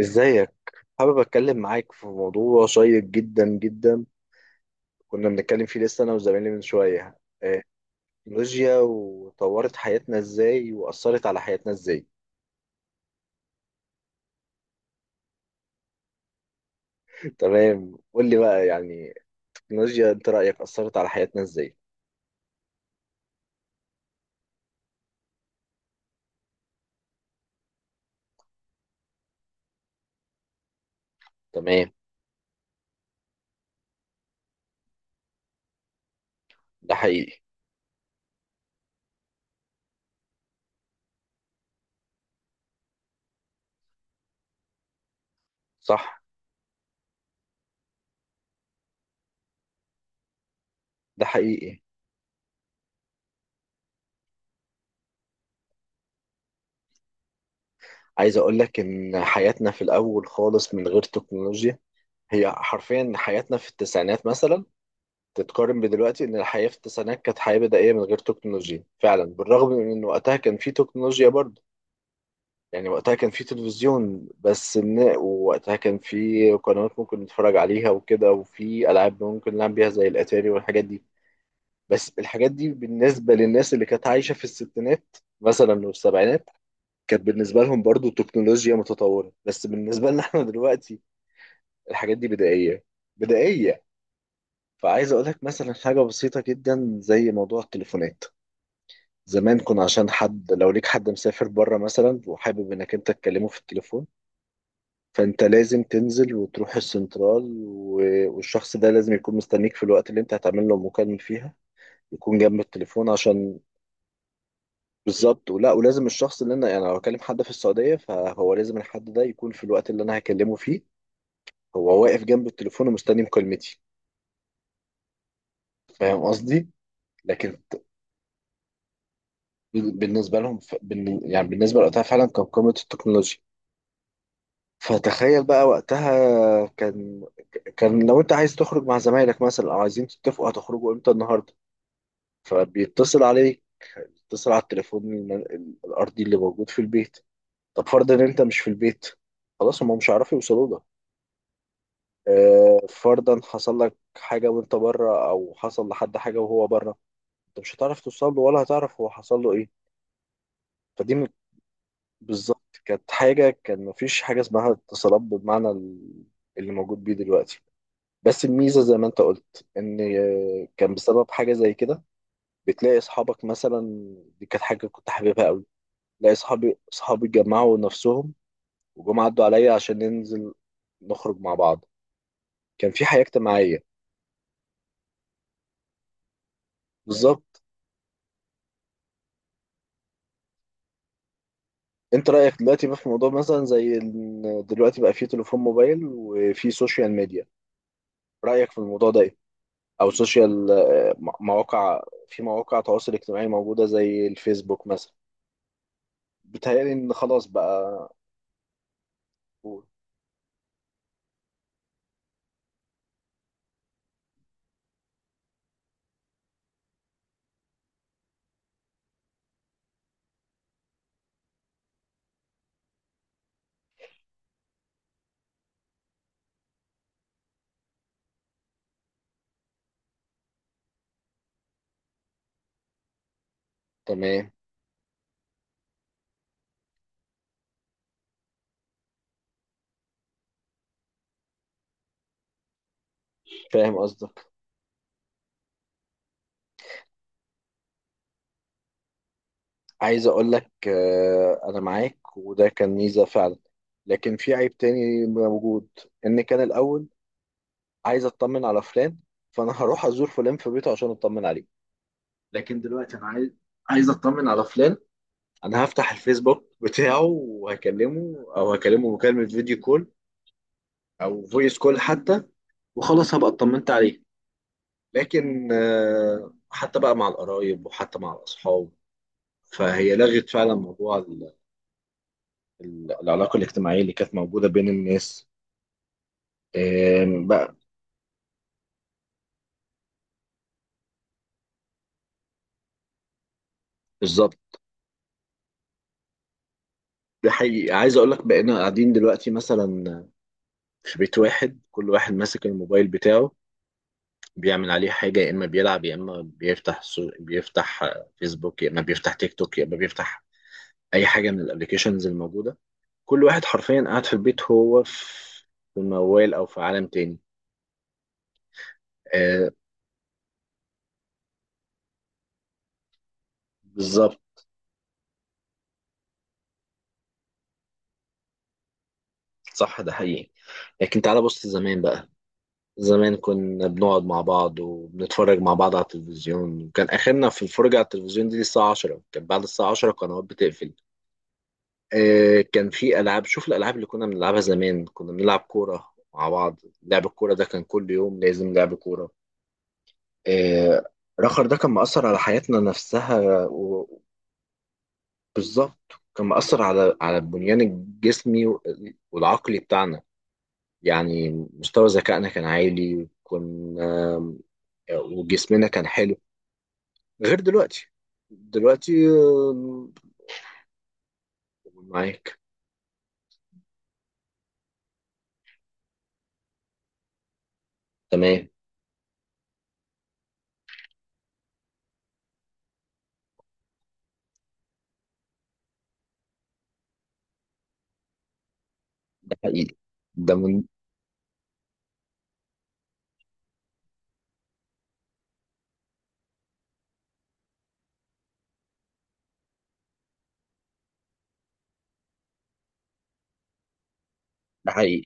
ازيك؟ حابب اتكلم معاك في موضوع شيق جدا. كنا بنتكلم فيه لسه انا وزمايلي من شويه التكنولوجيا وطورت حياتنا ازاي واثرت على حياتنا ازاي. تمام، قول لي بقى يعني التكنولوجيا انت رايك اثرت على حياتنا ازاي؟ تمام. ده حقيقي. صح، ده حقيقي. عايز اقول لك ان حياتنا في الاول خالص من غير تكنولوجيا، هي حرفيا حياتنا في التسعينات مثلا تتقارن بدلوقتي، ان الحياه في التسعينات كانت حياه بدائيه من غير تكنولوجيا فعلا، بالرغم من ان وقتها كان في تكنولوجيا برضه. يعني وقتها كان في تلفزيون بس، إن ووقتها كان في قنوات ممكن نتفرج عليها وكده، وفي العاب ممكن نلعب بيها زي الاتاري والحاجات دي. بس الحاجات دي بالنسبه للناس اللي كانت عايشه في الستينات مثلا والسبعينات كانت بالنسبه لهم برضه تكنولوجيا متطوره، بس بالنسبه لنا احنا دلوقتي الحاجات دي بدائيه. بدائيه. فعايز اقول لك مثلا حاجه بسيطه جدا زي موضوع التليفونات. زمان كنا عشان حد، لو ليك حد مسافر بره مثلا وحابب انك انت تكلمه في التليفون، فانت لازم تنزل وتروح السنترال، والشخص ده لازم يكون مستنيك في الوقت اللي انت هتعمل له مكالمة فيها، يكون جنب التليفون عشان. بالظبط. ولا ولازم الشخص اللي انا يعني لو هكلم حد في السعودية فهو لازم الحد ده يكون في الوقت اللي انا هكلمه فيه هو واقف جنب التليفون ومستني مكالمتي. فاهم قصدي؟ لكن ت- بالنسبة لهم يعني بالنسبة لوقتها فعلا كان قمة التكنولوجيا. فتخيل بقى وقتها كان، كان لو انت عايز تخرج مع زمايلك مثلا او عايزين تتفقوا هتخرجوا امتى النهارده، فبيتصل عليك، بيتصل على التليفون الارضي اللي موجود في البيت. طب فرضا ان انت مش في البيت، خلاص هم مش هيعرفوا يوصلوا لك. فرضا حصل لك حاجه وانت بره او حصل لحد حاجه وهو بره، انت مش هتعرف توصل له ولا هتعرف هو حصل له ايه. فدي م- بالظبط، كانت حاجه، كان مفيش حاجه اسمها اتصالات بالمعنى اللي موجود بيه دلوقتي. بس الميزة زي ما انت قلت ان كان بسبب حاجة زي كده بتلاقي اصحابك مثلا، دي كانت حاجة كنت حاببها قوي، تلاقي اصحابي جمعوا نفسهم وجم عدوا عليا عشان ننزل نخرج مع بعض. كان في حياة اجتماعية. بالظبط. انت رأيك دلوقتي بقى في موضوع مثلا زي ان دلوقتي بقى في تليفون موبايل وفي سوشيال ميديا، رأيك في الموضوع ده ايه؟ او سوشيال، مواقع، في مواقع تواصل اجتماعي موجودة زي الفيسبوك مثلا، بيتهيألي ان خلاص بقى. تمام. فاهم قصدك. عايز اقول لك انا معاك، وده كان ميزه فعلا، لكن في عيب تاني موجود، ان كان الاول عايز اطمن على فلان فانا هروح ازور فلان في بيته عشان اطمن عليه، لكن دلوقتي انا عايز، عايز اطمن على فلان انا هفتح الفيسبوك بتاعه وهكلمه، او هكلمه مكالمه فيديو كول او فويس كول حتى، وخلاص هبقى اطمنت عليه. لكن حتى بقى مع القرايب وحتى مع الاصحاب فهي لغت فعلا موضوع العلاقة الاجتماعية اللي كانت موجودة بين الناس بقى. بالظبط. ده حقيقي، عايز اقول لك بقينا قاعدين دلوقتي مثلا في بيت واحد كل واحد ماسك الموبايل بتاعه بيعمل عليه حاجة، يا اما بيلعب يا اما بيفتح بيفتح فيسبوك، يا اما بيفتح تيك توك، يا اما بيفتح اي حاجة من الابليكيشنز الموجودة. كل واحد حرفيا قاعد في البيت هو في في الموال او في عالم تاني. آه، بالظبط. صح، ده حقيقي. لكن تعالى بص زمان بقى، زمان كنا بنقعد مع بعض وبنتفرج مع بعض على التلفزيون، وكان آخرنا في الفرجة على التلفزيون دي الساعة 10، كان بعد الساعة 10 القنوات بتقفل. آه، كان في ألعاب، شوف الألعاب اللي كنا بنلعبها زمان، كنا بنلعب كورة مع بعض، لعب الكورة ده كان كل يوم لازم لعب كورة. آه، رخر ده كان مأثر على حياتنا نفسها، بالظبط، كان مأثر على على البنيان الجسمي والعقلي بتاعنا. يعني مستوى ذكائنا كان عالي وكنا، وجسمنا كان حلو، غير دلوقتي. دلوقتي معاك. تمام، ده حقيقي. ده من، ده حقيقي.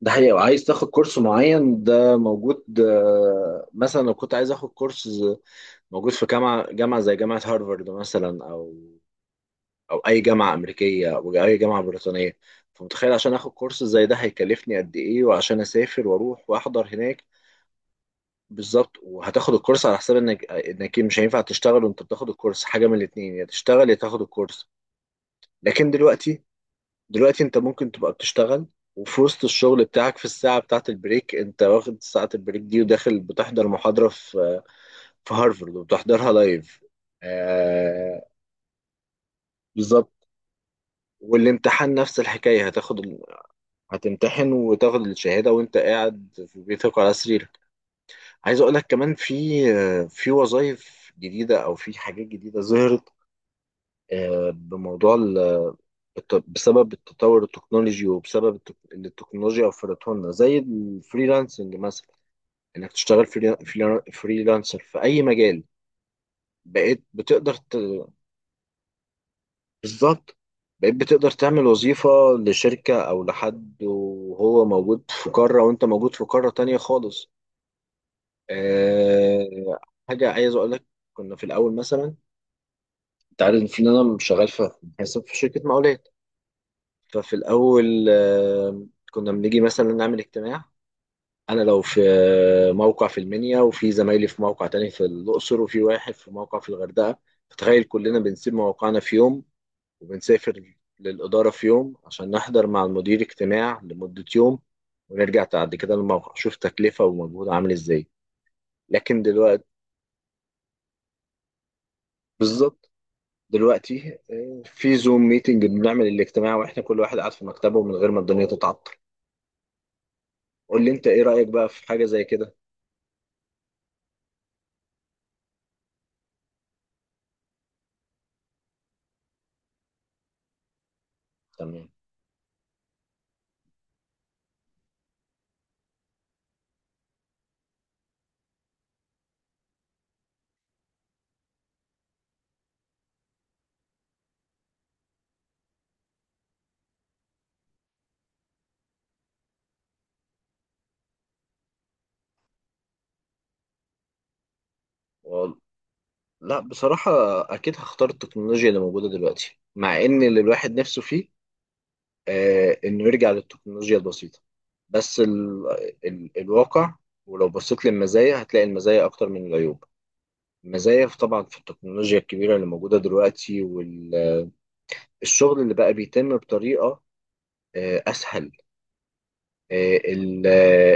ده حقيقي، وعايز تاخد كورس معين ده موجود، مثلا لو كنت عايز اخد موجود في جامعة زي جامعة هارفارد مثلا، أو أو أي جامعة أمريكية أو أي جامعة بريطانية. فمتخيل عشان آخد كورس زي ده هيكلفني قد إيه، وعشان أسافر وأروح وأحضر هناك. بالظبط، وهتاخد الكورس على حساب إنك مش هينفع تشتغل وأنت بتاخد الكورس، حاجة من الاتنين يا تشتغل يا تاخد الكورس. لكن دلوقتي، دلوقتي انت ممكن تبقى بتشتغل وفي وسط الشغل بتاعك في الساعة بتاعة البريك انت واخد ساعة البريك دي وداخل بتحضر محاضرة في في هارفرد وبتحضرها لايف. آه. بالظبط. والامتحان نفس الحكاية، هتمتحن وتاخد الشهادة وانت قاعد في بيتك على سريرك. عايز اقول لك كمان في في وظائف جديدة او في حاجات جديدة ظهرت بموضوع بسبب التطور التكنولوجي، وبسبب التك- اللي التكنولوجيا وفرته لنا زي الفريلانسنج مثلا، انك تشتغل فريلانسر في اي مجال. بقيت بتقدر ت- بالظبط. بقيت بتقدر تعمل وظيفة لشركة او لحد وهو موجود في قارة وانت موجود في قارة تانية خالص. أه. حاجة عايز اقول لك، كنا في الاول مثلا، انت عارف ان انا شغال في حساب في شركة مقاولات، ففي الاول كنا بنيجي مثلا نعمل اجتماع. انا لو في موقع في المنيا، وفي زمايلي في موقع تاني في الاقصر، وفي واحد في موقع في الغردقه، فتخيل كلنا بنسيب موقعنا في يوم وبنسافر للاداره في يوم عشان نحضر مع المدير اجتماع لمده يوم، ونرجع بعد كده للموقع. شوف تكلفه ومجهود عامل ازاي. لكن دلوقتي، بالظبط، دلوقتي في زوم ميتنج بنعمل الاجتماع واحنا كل واحد قاعد في مكتبه من غير ما الدنيا تتعطل. قول لي انت ايه رايك بقى في حاجه زي كده؟ تمام. لا، بصراحة أكيد هختار التكنولوجيا اللي موجودة دلوقتي، مع إن اللي الواحد نفسه فيه آه إنه يرجع للتكنولوجيا البسيطة، بس ال الواقع، ولو بصيت للمزايا هتلاقي المزايا أكتر من العيوب. المزايا طبعا في التكنولوجيا الكبيرة اللي موجودة دلوقتي، والشغل اللي بقى بيتم بطريقة آه أسهل، ال-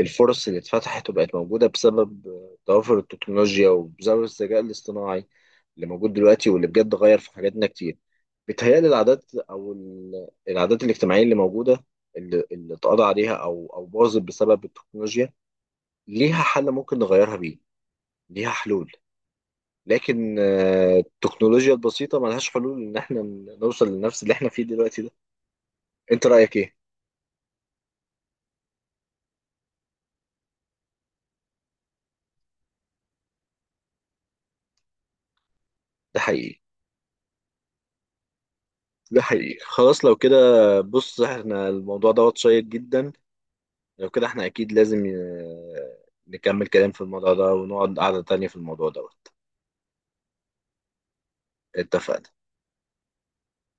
الفرص اللي اتفتحت وبقت موجودة بسبب توافر التكنولوجيا وبسبب الذكاء الاصطناعي اللي موجود دلوقتي واللي بجد غير في حاجاتنا كتير. بيتهيألي العادات أو العادات الاجتماعية اللي موجودة اللي اتقضى عليها أو أو باظت بسبب التكنولوجيا ليها حل ممكن نغيرها بيه، ليها حلول. لكن التكنولوجيا البسيطة ملهاش حلول إن احنا نوصل لنفس اللي احنا فيه دلوقتي ده. أنت رأيك إيه؟ ده حقيقي. ده حقيقي، خلاص لو كده. بص احنا الموضوع دوت شيق جدا، لو كده احنا اكيد لازم نكمل كلام في الموضوع ده، ونقعد قعدة تانية في الموضوع دوت. اتفقنا.